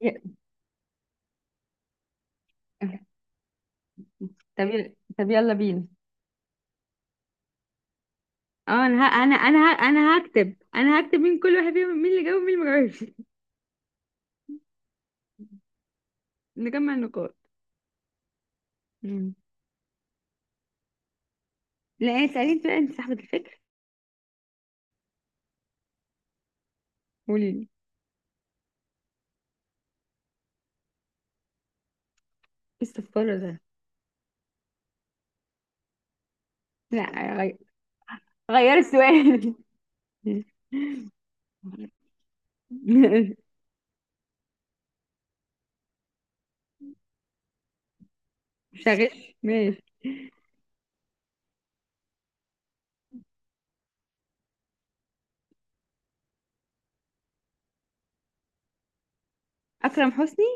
ي- طب يل- طب يلا بينا. اه انا ه... انا انا ه... انا هكتب انا هكتب مين كل واحد فيهم، مين اللي جاوب ومين اللي ما جاوبش. نجمع النقاط. مم. لا، اسالي انت بقى، انت صاحبة الفكر. قولي لي. ايه الصفارة ده؟ لا، غير السؤال. شغال ماشي. اكرم حسني.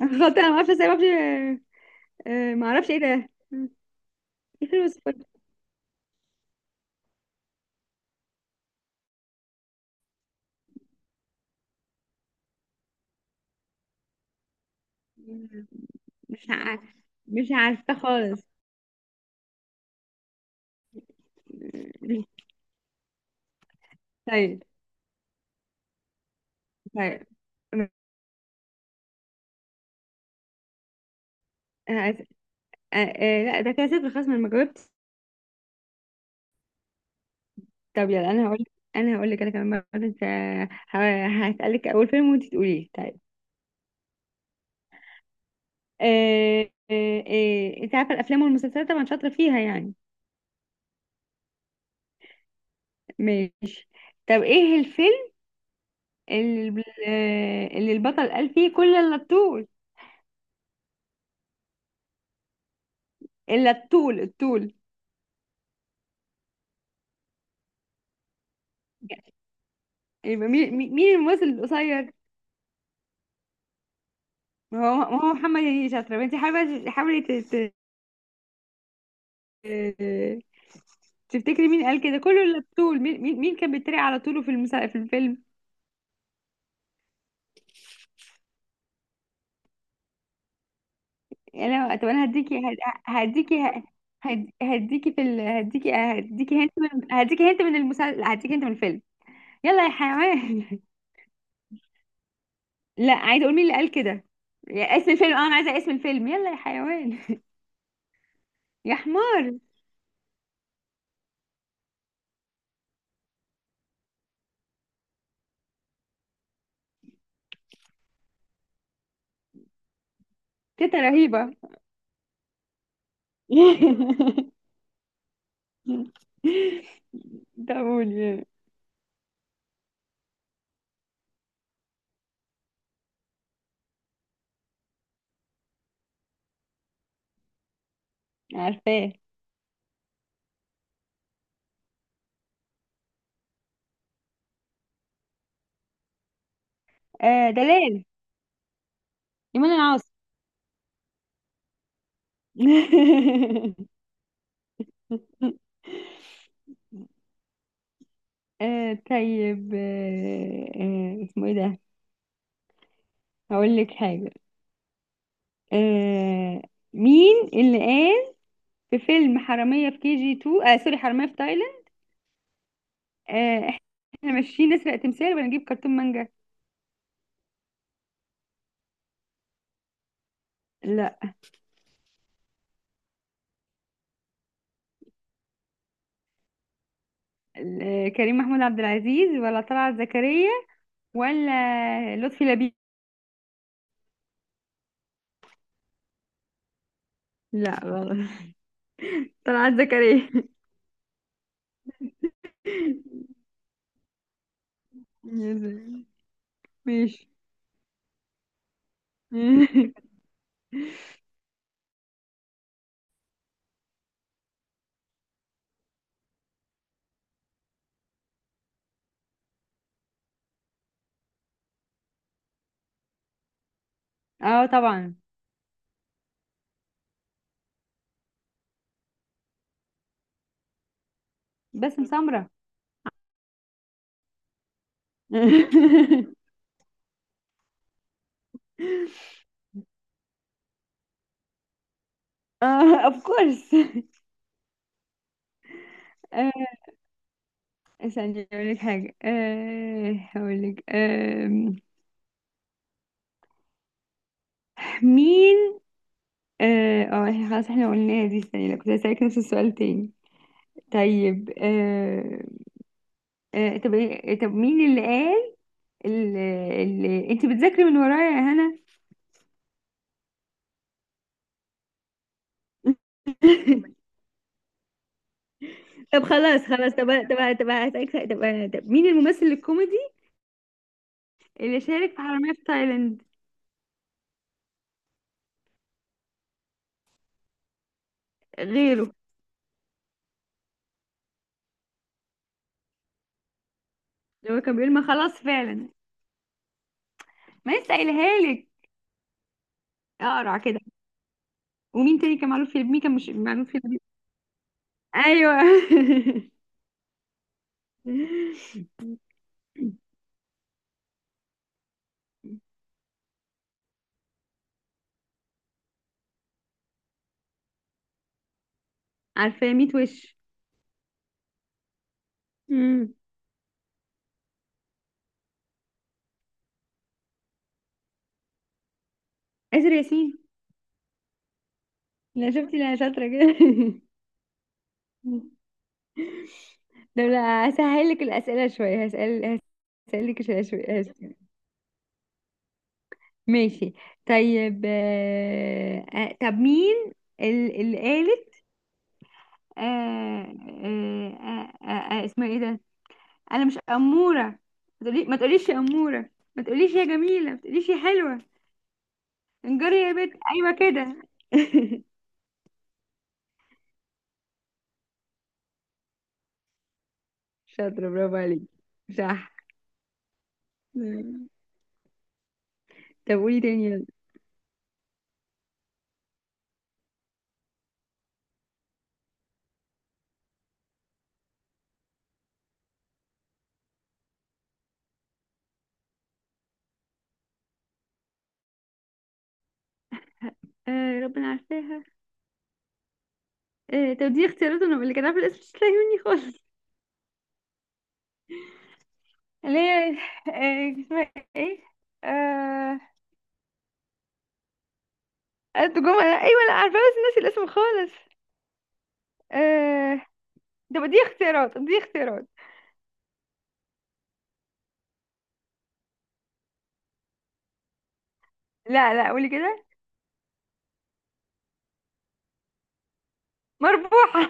غلط. انا ما اعرفش ازاي، ما اعرفش. ما اعرفش ايه ده. ايه فيلم الصفارة ده؟ مش عارف. مش عارفه خالص. طيب. طيب. آه آه، لا ده كده صفر خلاص، ما أنا ما جاوبتش. طب يلا انا هقول. انا هقول لك، انا كمان مرة، انت هسألك اول فيلم وانت تقوليه، طيب؟ آه آه. انت عارفة الافلام والمسلسلات طبعا، شاطرة فيها يعني. ماشي. طب ايه الفيلم اللي البطل قال فيه كل الطول؟ الا الطول الطول. يبقى مين الممثل القصير؟ ما هو محمد هنيدي. شاطرة انت، حاولي حاولي. آه، تفتكري مين قال كده كله، اللي بتقول مين كان بيتريق على طوله في الفيلم؟ يعني انا طب انا هديكي هد- هديكي ه- هديكي هنت من المسلسل، هديكي هنت من الفيلم. يلا يا حيوان. لا، عايزه اقول مين اللي قال كده. يا اسم الفيلم، اه انا عايزه اسم الفيلم، يلا يا حيوان. يا حمار. تيتا رهيبه. ده قول. عارفاه. دلال. ايمان العاصي. طيب. اسمه ايه ده؟ هقول لك حاجة. آه مين اللي قال في فيلم حرامية في كي جي 2، سوري، حرامية في تايلاند. آه احنا ماشيين نسرق تمثال ونجيب كرتون مانجا. لا. كريم محمود عبد العزيز، ولا طلعت زكريا، ولا لطفي لبيب؟ لا غلط. طلعت زكريا. يا سلام. ماشي. اه طبعا. باسم سمرة. اه اوف كورس. آه، استني اقول لك حاجه. هقول لك. مين؟ إحنا خلاص، احنا قلناها دي. استني، لا كنت هسألك نفس السؤال تاني. طيب. أه أه طب إيه- آه، طب مين اللي قال اللي انت بتذاكري من ورايا يا هنا؟ طب خلاص خلاص، طب هسألك سؤال. طب مين الممثل الكوميدي اللي شارك في حرامية في تايلاند؟ غيره. اللي هو كان بيقول، ما خلاص فعلا، ما لسه قايلها لك. اقرع كده، ومين تاني كان معروف في، مين كان مش معروف في. ايوه. عارفاه 100 وش. امم آسر ياسين. لا شفتي، لا شاطرة كده. طب لا، هسهل لك الأسئلة شوية. هسأل، هسأل لك شوية شوية. هسأل. ماشي. طيب. طب مين اللي قالت اسمها ايه ده؟ انا مش أمورة. ما تقوليش يا أمورة، ما تقوليش يا جميلة، ما تقوليش يا حلوة. انجري يا بنت، ايوه كده. شاطرة، برافو عليك. صح. مم. طب قولي تاني، يلا. ربنا عارفاها. طب دي اختيارات، انا اللي كان عارف الاسم مش هتلاقي مني خالص. اللي هي اسمها ايه؟ آه... قالت جمعة. ايوه، لا عارفة بس ناسي الاسم خالص. آه... طب دي اختيارات، دي اختيارات. لا لا، قولي كده. مربوحة.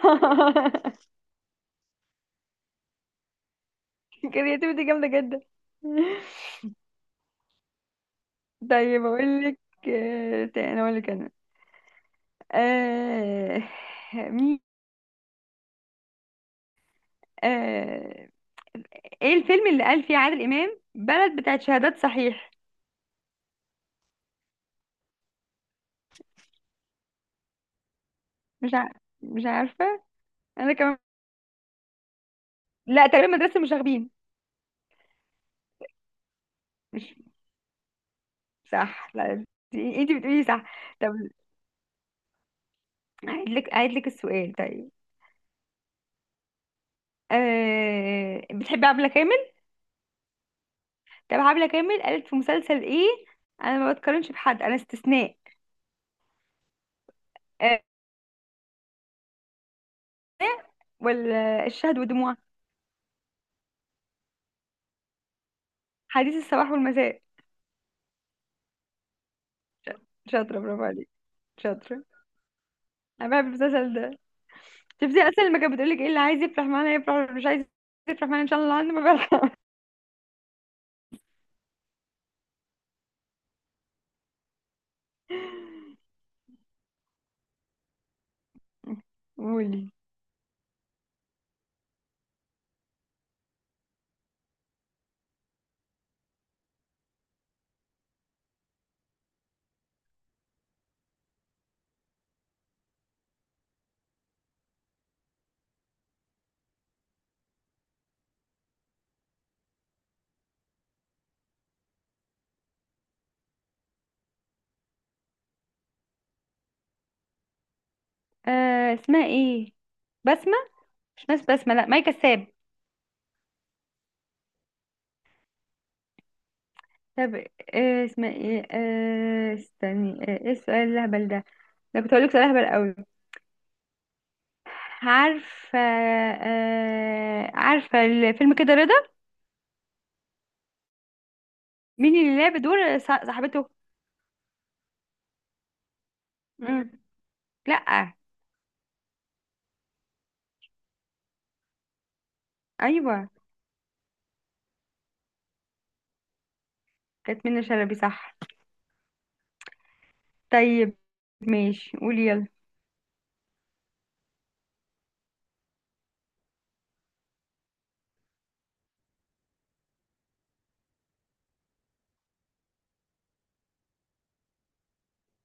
كرياتيفيتي جامدة جدا. طيب اقول لك. تاني اقول لك انا. آه... مين؟ آه... ايه الفيلم اللي قال فيه عادل امام بلد بتاعت شهادات صحيح؟ مش ع... مش عارفه. انا كمان. لا تقريبا مدرسه المشاغبين. مش. صح، لا انت بتقولي صح. طب هعيد لك السؤال، طيب؟ بتحبي عبلة كامل؟ طب عبلة كامل قالت في مسلسل ايه؟ انا ما بتقارنش بحد، انا استثناء. أه... ولا الشهد والدموع؟ حديث الصباح والمساء. ش- شاطره، برافو عليك. شاطره، انا بحب المسلسل ده. شفتي اصلا لما كانت بتقولك، ايه اللي عايز يفرح معانا يفرح، واللي مش عايز يفرح معانا ان شاء الله عنده ما بيرحم. قولي. اسمها ايه؟ بسمة. مش ناس بسمة، لا ماي كساب. طب، اسمها ايه؟ استني. ايه السؤال الهبل ده؟ ده كنت هقولك سؤال هبل قوي. عارفة الفيلم كده رضا. مين اللي لعب دور صاحبته؟ مم. لا. ايوه كانت منى شلبي صح. طيب، ماشي قولي يلا.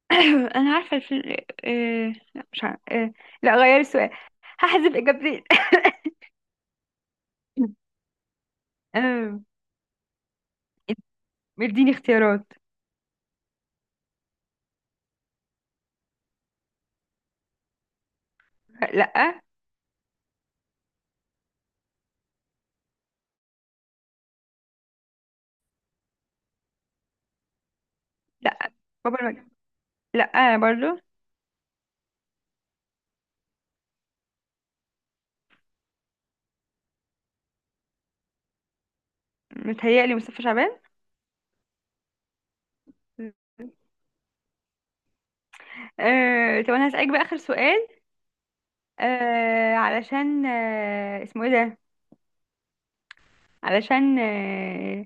انا عارفه الفيلم. لا مش عارفه. لا، غيري السؤال، هحذف اجابتي. آه، اديني اختيارات. لا. لا. بابا المج... لا انا برضو. متهيألي مصطفى شعبان. طب انا هسألك بقى اخر سؤال. علشان اسمه ايه ده؟ علشان آه...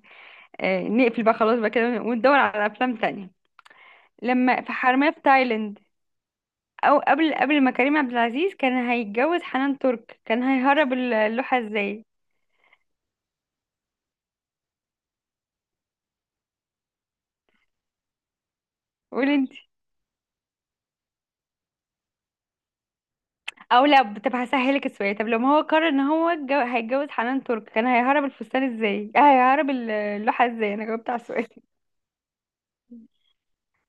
آه... نقفل بقى خلاص بقى كده، وندور على افلام تانية. لما في حرامية في تايلاند، او قبل ما كريم عبد العزيز كان هيتجوز حنان ترك، كان هيهرب اللوحة ازاي؟ قولي انت. او لا، طب هسهلك السؤال. طب لما هو قرر ان هو هيتجوز حنان ترك، كان هيهرب الفستان ازاي؟ هيهرب اللوحة ازاي؟ انا جاوبت على السؤال.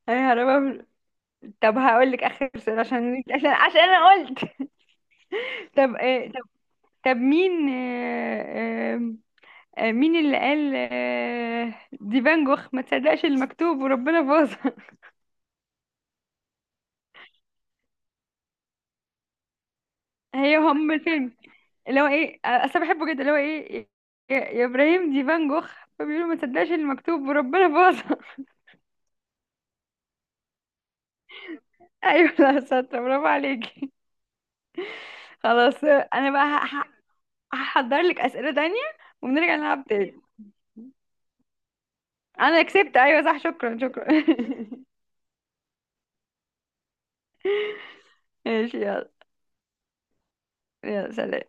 هيهربها. طب هقول لك اخر سؤال، عشان انا قلت. طب، طب مين آه، آه، مين اللي قال، دي فان جوخ، ما تصدقش المكتوب وربنا باظ؟ هي هم الفيلم اللي هو ايه، اصل أنا بحبه جدا، اللي هو ايه يا ابراهيم دي فان جوخ، فبيقولوا ما تصدقش اللي مكتوب وربنا باظها. ايوه لا، شاطره، برافو عليكي. خلاص انا بقى هحضر لك اسئله تانية ونرجع نلعب تاني. انا كسبت، ايوه صح، شكرا شكرا. ماشي يلا. يلا سلام.